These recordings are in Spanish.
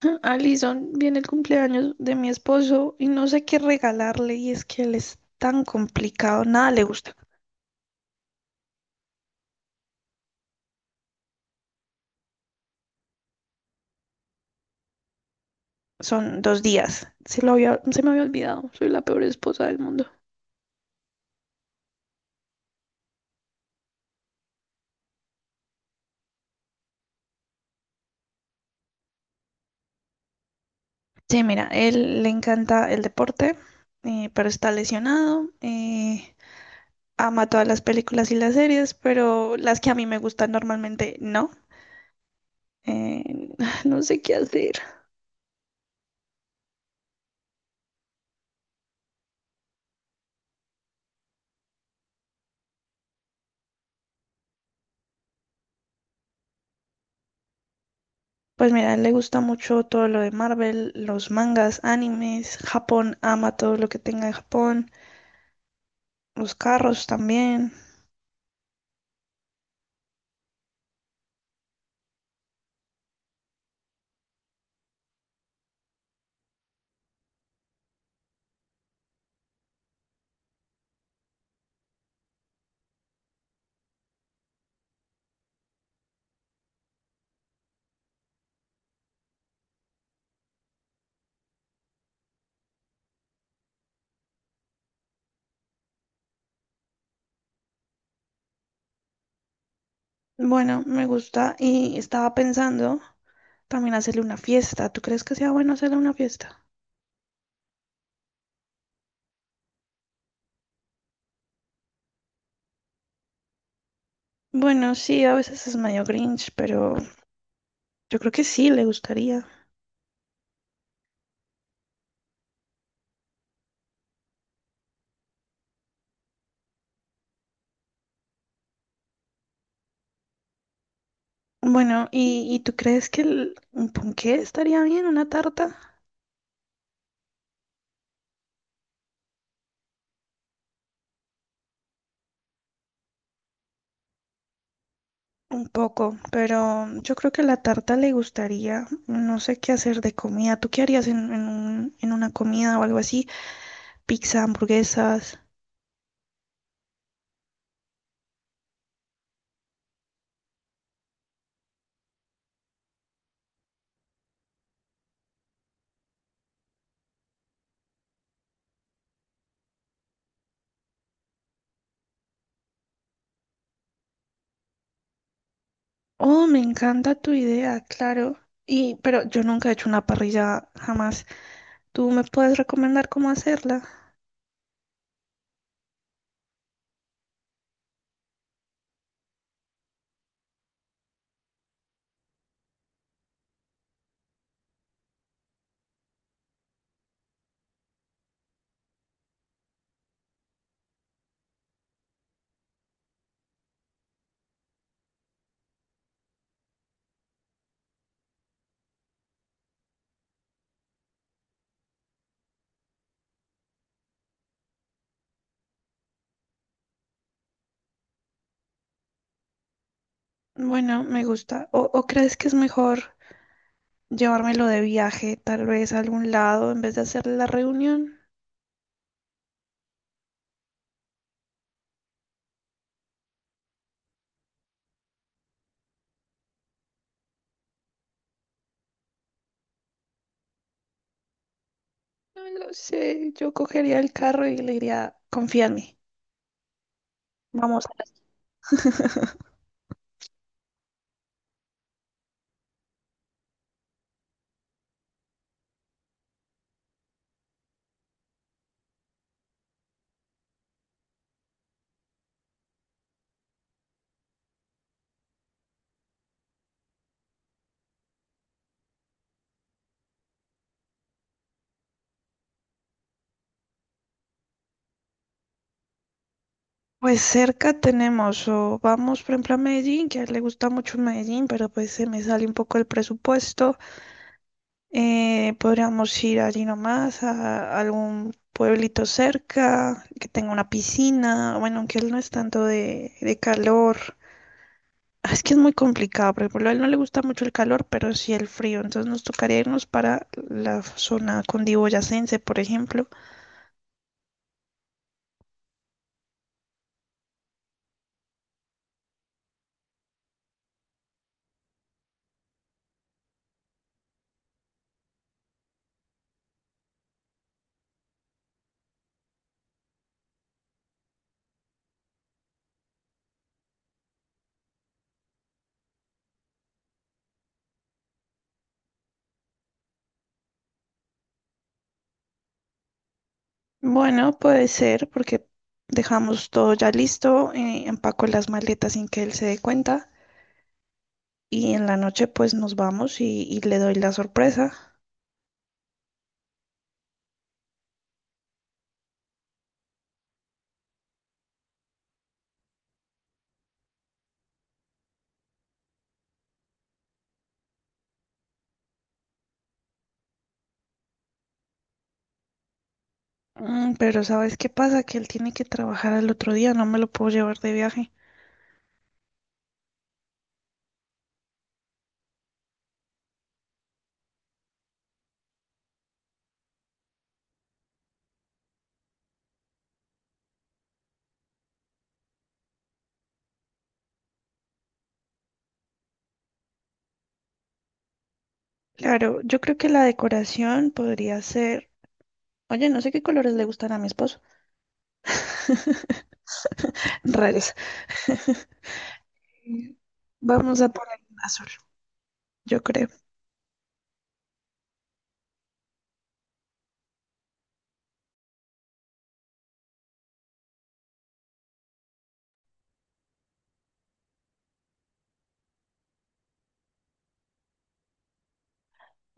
Alison, viene el cumpleaños de mi esposo y no sé qué regalarle y es que él es tan complicado, nada le gusta. Son dos días, se me había olvidado, soy la peor esposa del mundo. Sí, mira, él le encanta el deporte, pero está lesionado, ama todas las películas y las series, pero las que a mí me gustan normalmente no. Eh, no sé qué hacer. Pues mira, a él le gusta mucho todo lo de Marvel, los mangas, animes, Japón, ama todo lo que tenga de Japón, los carros también. Bueno, me gusta y estaba pensando también hacerle una fiesta. ¿Tú crees que sea bueno hacerle una fiesta? Bueno, sí, a veces es medio grinch, pero yo creo que sí, le gustaría. Bueno, ¿y tú crees que un ponqué estaría bien, una tarta? Un poco, pero yo creo que la tarta le gustaría. No sé qué hacer de comida. ¿Tú qué harías en en una comida o algo así? Pizza, hamburguesas. Oh, me encanta tu idea, claro. Y, pero yo nunca he hecho una parrilla jamás. ¿Tú me puedes recomendar cómo hacerla? Bueno, me gusta. ¿O crees que es mejor llevármelo de viaje, tal vez a algún lado, en vez de hacer la reunión? No lo sé. Yo cogería el carro y le diría, confía en mí. Vamos. Pues cerca tenemos, o vamos por ejemplo a Medellín, que a él le gusta mucho Medellín, pero pues se me sale un poco el presupuesto. Podríamos ir allí nomás a algún pueblito cerca, que tenga una piscina, bueno, aunque él no es tanto de calor. Ah, es que es muy complicado, por ejemplo, a él no le gusta mucho el calor, pero sí el frío, entonces nos tocaría irnos para la zona cundiboyacense, por ejemplo. Bueno, puede ser porque dejamos todo ya listo, empaco las maletas sin que él se dé cuenta y en la noche pues nos vamos y le doy la sorpresa. Pero ¿sabes qué pasa? Que él tiene que trabajar al otro día, no me lo puedo llevar de viaje. Claro, yo creo que la decoración podría ser. Oye, no sé qué colores le gustan a mi esposo. Raros. Vamos a poner un azul, yo creo.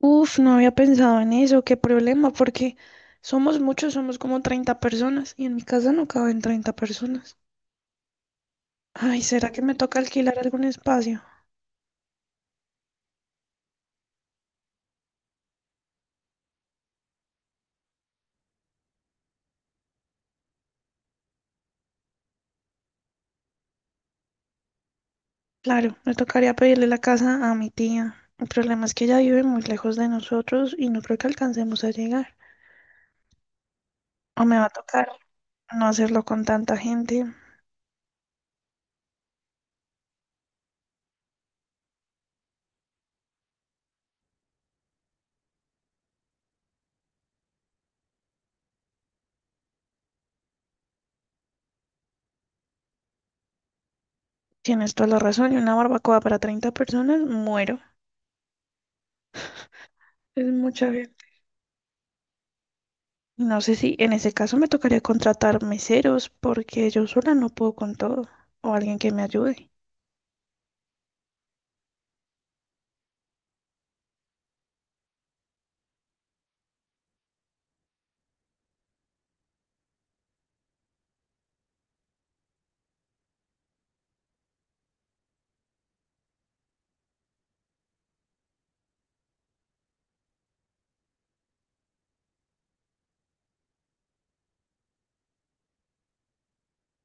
Uf, no había pensado en eso, qué problema, porque somos muchos, somos como 30 personas y en mi casa no caben 30 personas. Ay, ¿será que me toca alquilar algún espacio? Claro, me tocaría pedirle la casa a mi tía. El problema es que ella vive muy lejos de nosotros y no creo que alcancemos a llegar. O me va a tocar no hacerlo con tanta gente. Tienes toda la razón, y una barbacoa para 30 personas, muero. Es mucha gente. No sé si en ese caso me tocaría contratar meseros porque yo sola no puedo con todo o alguien que me ayude.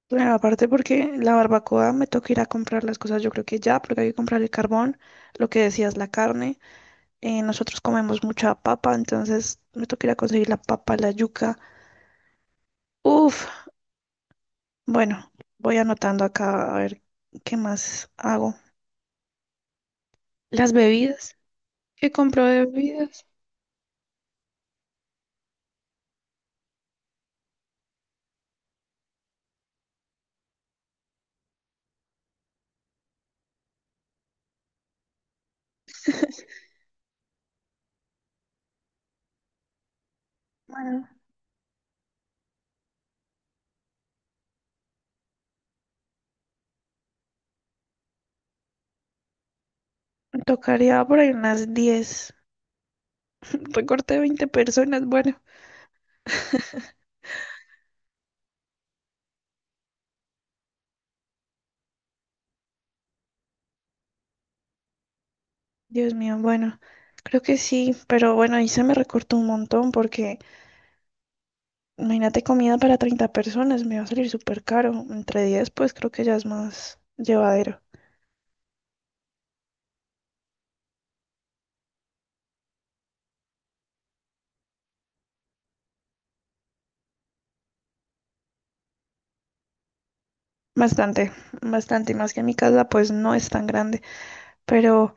Bueno, aparte porque la barbacoa me toca ir a comprar las cosas, yo creo que ya, porque hay que comprar el carbón, lo que decías, la carne. Nosotros comemos mucha papa, entonces me toca ir a conseguir la papa, la yuca. Uf, bueno, voy anotando acá a ver qué más hago. Las bebidas, ¿qué compro de bebidas? Bueno, me tocaría por ahí unas 10 recorté 20 personas, bueno. Dios mío, bueno, creo que sí, pero bueno, ahí se me recortó un montón porque imagínate comida para 30 personas, me va a salir súper caro. Entre 10, pues creo que ya es más llevadero. Bastante, bastante, y más que mi casa, pues no es tan grande. Pero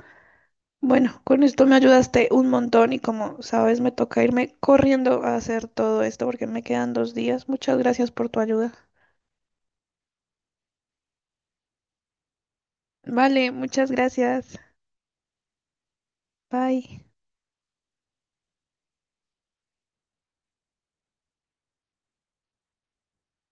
bueno, con esto me ayudaste un montón y como sabes, me toca irme corriendo a hacer todo esto porque me quedan 2 días. Muchas gracias por tu ayuda. Vale, muchas gracias. Bye.